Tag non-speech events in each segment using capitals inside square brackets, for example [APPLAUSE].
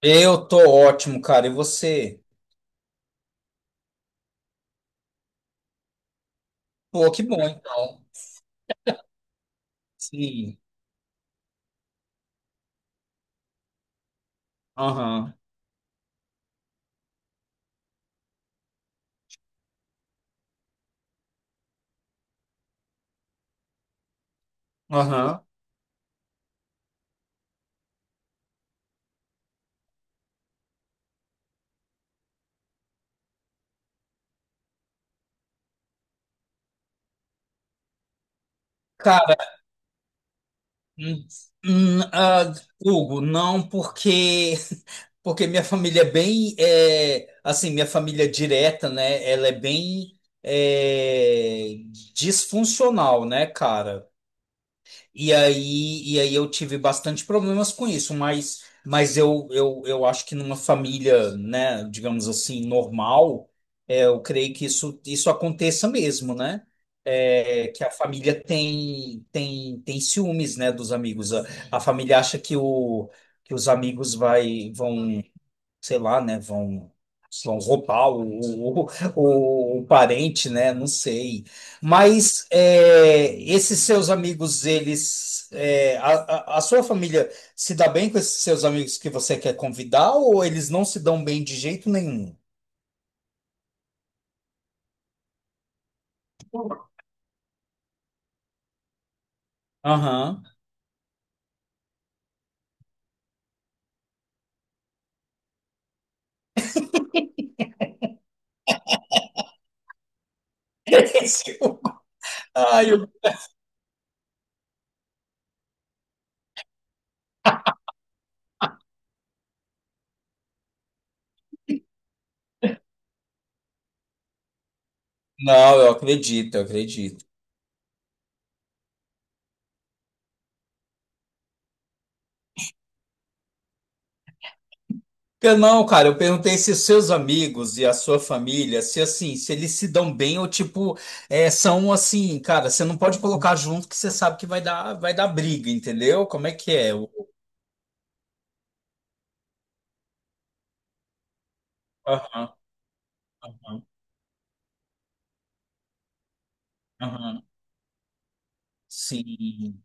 Eu tô ótimo, cara. E você? Pô, que bom, então. Sim. Aham. Aham. Cara, hum, hum, ah, Hugo, não porque [LAUGHS] porque minha família é bem assim, minha família direta, né? Ela é bem disfuncional, né, cara? E aí, eu tive bastante problemas com isso, mas, eu acho que numa família, né, digamos assim, normal, eu creio que isso aconteça mesmo, né? É, que a família tem ciúmes, né, dos amigos. A família acha que, que os amigos vão sei lá, né? Vão roubar o, o parente, né? Não sei. Mas é, esses seus amigos, eles. A sua família se dá bem com esses seus amigos que você quer convidar ou eles não se dão bem de jeito nenhum? Aham. [LAUGHS] Esse que eu- Ah, eu... Não, eu acredito, eu acredito. Eu Não, cara, eu perguntei se os seus amigos e a sua família, se assim, se eles se dão bem ou tipo, são assim, cara, você não pode colocar junto que você sabe que vai dar briga, entendeu? Como é que é? O- Aham, aham, aham. Sim.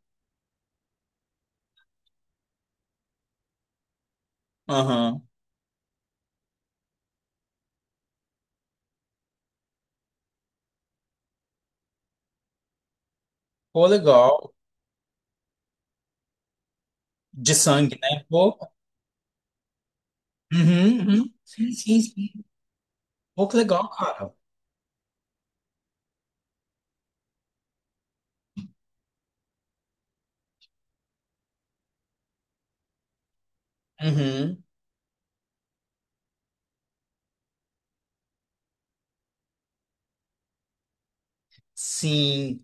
Aham. Pô, legal. De sangue, né? Pô. Uhum, uhum. Sim, sim, sim. Pô, que legal, cara. Uhum. Sim.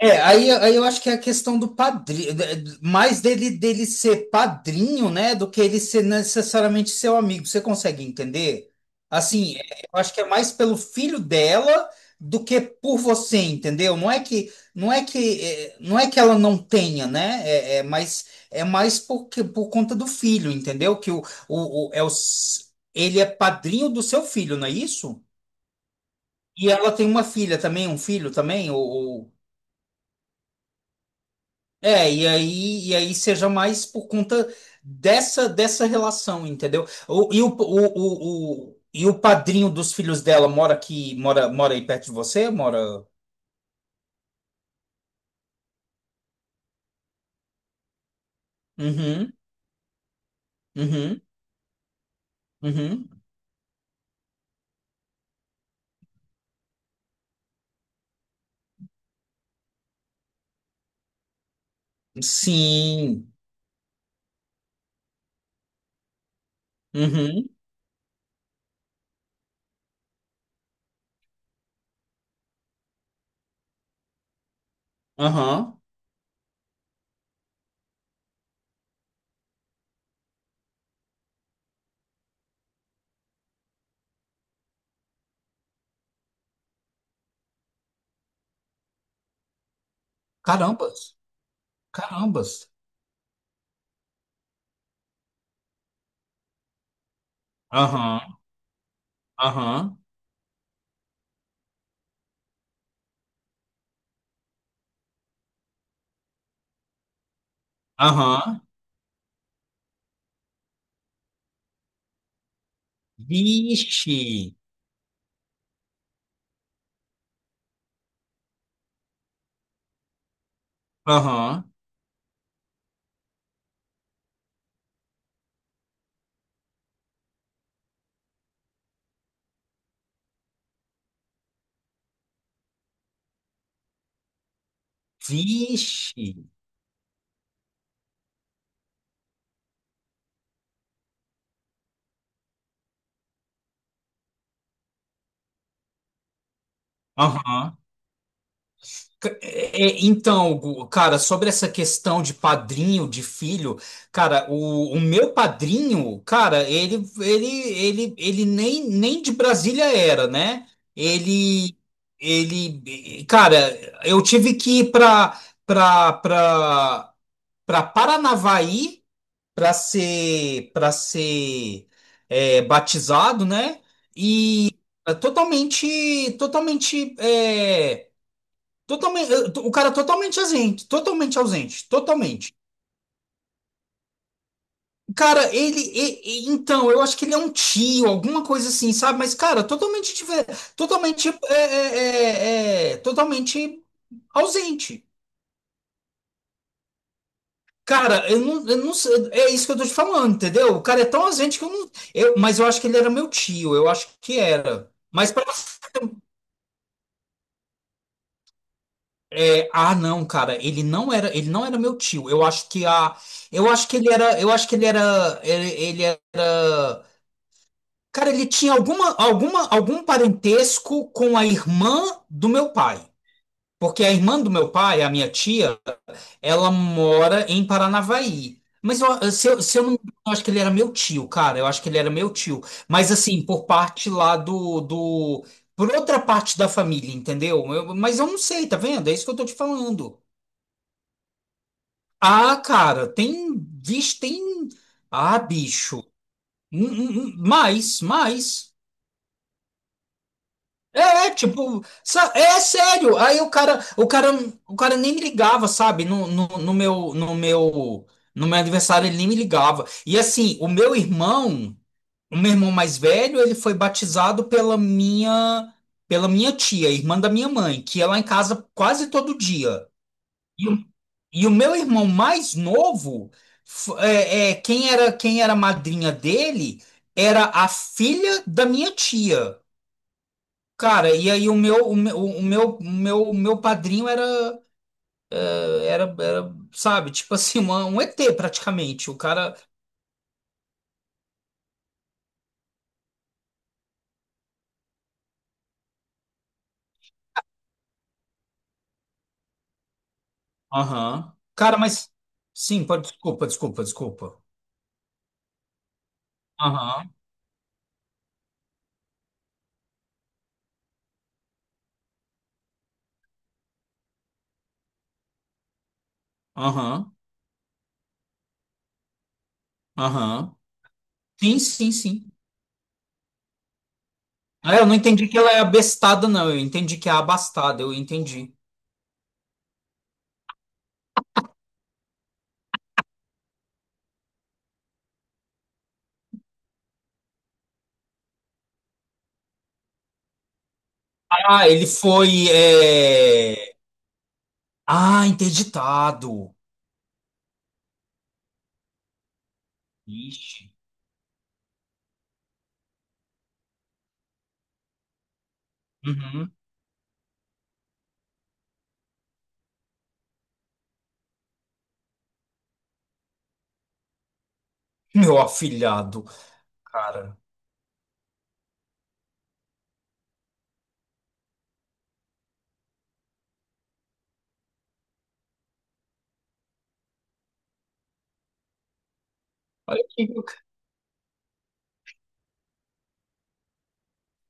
É, aí eu acho que é a questão do padrinho, mais dele ser padrinho, né, do que ele ser necessariamente seu amigo. Você consegue entender? Assim, eu acho que é mais pelo filho dela do que por você, entendeu? Não é que não é que é, não é que ela não tenha, né? É mais porque por conta do filho, entendeu? Que o, o, o- é o, s- ele é padrinho do seu filho, não é isso? E ela tem uma filha também, um filho também, ou... É, e aí seja mais por conta dessa relação, entendeu? O- e o padrinho dos filhos dela mora aqui, mora aí perto de você? Mora. Uhum, uhum, uhum. Sim. Uhum, aham. Carambas, carambas. Aham, aham, aham. Vixe, aham, vixe, aham. É, é, então, Gu, cara, sobre essa questão de padrinho, de filho, cara, o meu padrinho, cara, ele nem de Brasília era, né? Ele, ele, cara, eu tive que ir para para para Paranavaí para ser batizado, né? Totalmente, totalmente. Totalmente, o cara totalmente ausente, totalmente ausente, totalmente. Cara, então, eu acho que ele é um tio, alguma coisa assim, sabe? Mas, cara, totalmente, totalmente, totalmente ausente. Cara, eu não sei, é isso que eu tô te falando, entendeu? O cara é tão ausente que eu não, mas eu acho que ele era meu tio, eu acho que era. Mas ah, não, cara, ele não era meu tio. Eu acho que a, eu acho que ele era, ele era. Cara, ele tinha algum parentesco com a irmã do meu pai. Porque a irmã do meu pai, a minha tia, ela mora em Paranavaí. Mas se eu não me engano, eu acho que ele era meu tio, cara. Eu acho que ele era meu tio. Mas assim, por parte lá do... Por outra parte da família, entendeu? Mas eu não sei, tá vendo? É isso que eu tô te falando. Ah, cara, tem... Vixe, tem... Ah, bicho. Hum, hum, Mais, mais. É, tipo, é sério. Aí o cara nem me ligava, sabe? No meu aniversário ele nem me ligava. E assim, o meu irmão mais velho, ele foi batizado pela minha tia, irmã da minha mãe, que ia lá em casa quase todo dia. E, o- e o meu irmão mais novo, quem era a madrinha dele, era a filha da minha tia. Cara, e aí o meu padrinho era, sabe, tipo assim, um ET praticamente. O cara. Aham. Cara, mas. Sim, pode. Desculpa, desculpa, desculpa. Aham, aham, aham. Sim, sim, sim. Ah, eu não entendi que ela é abestada, não. Eu entendi que é abastada, eu entendi. Ah, ele foi. Ah, interditado. Ixi. Uhum. Meu afilhado, cara. Olha aqui.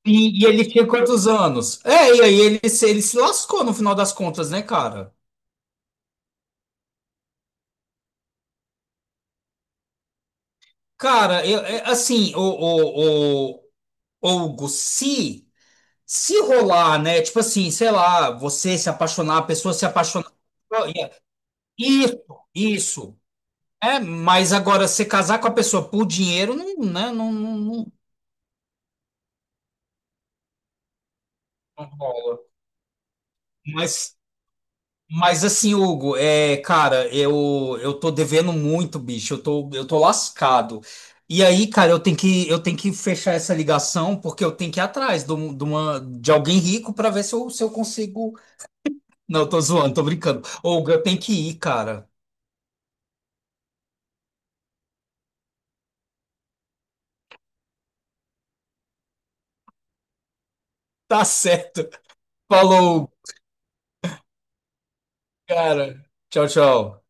E ele tinha quantos anos? É, e aí ele se lascou no final das contas, né, cara? Cara, assim, Hugo, se rolar, né? Tipo assim, sei lá, você se apaixonar, a pessoa se apaixonar. Isso, isso. É, mas agora, você casar com a pessoa por dinheiro, não, né, não, não, não não rola. Mas Mas assim, Hugo, cara, eu tô devendo muito, bicho. Eu tô lascado. E aí, cara, eu tenho que fechar essa ligação porque eu tenho que ir atrás de, um- de uma de alguém rico pra ver se eu consigo. Não, eu tô zoando, tô brincando. Hugo, eu tenho que ir, cara. Tá certo. Falou, cara. Tchau, tchau.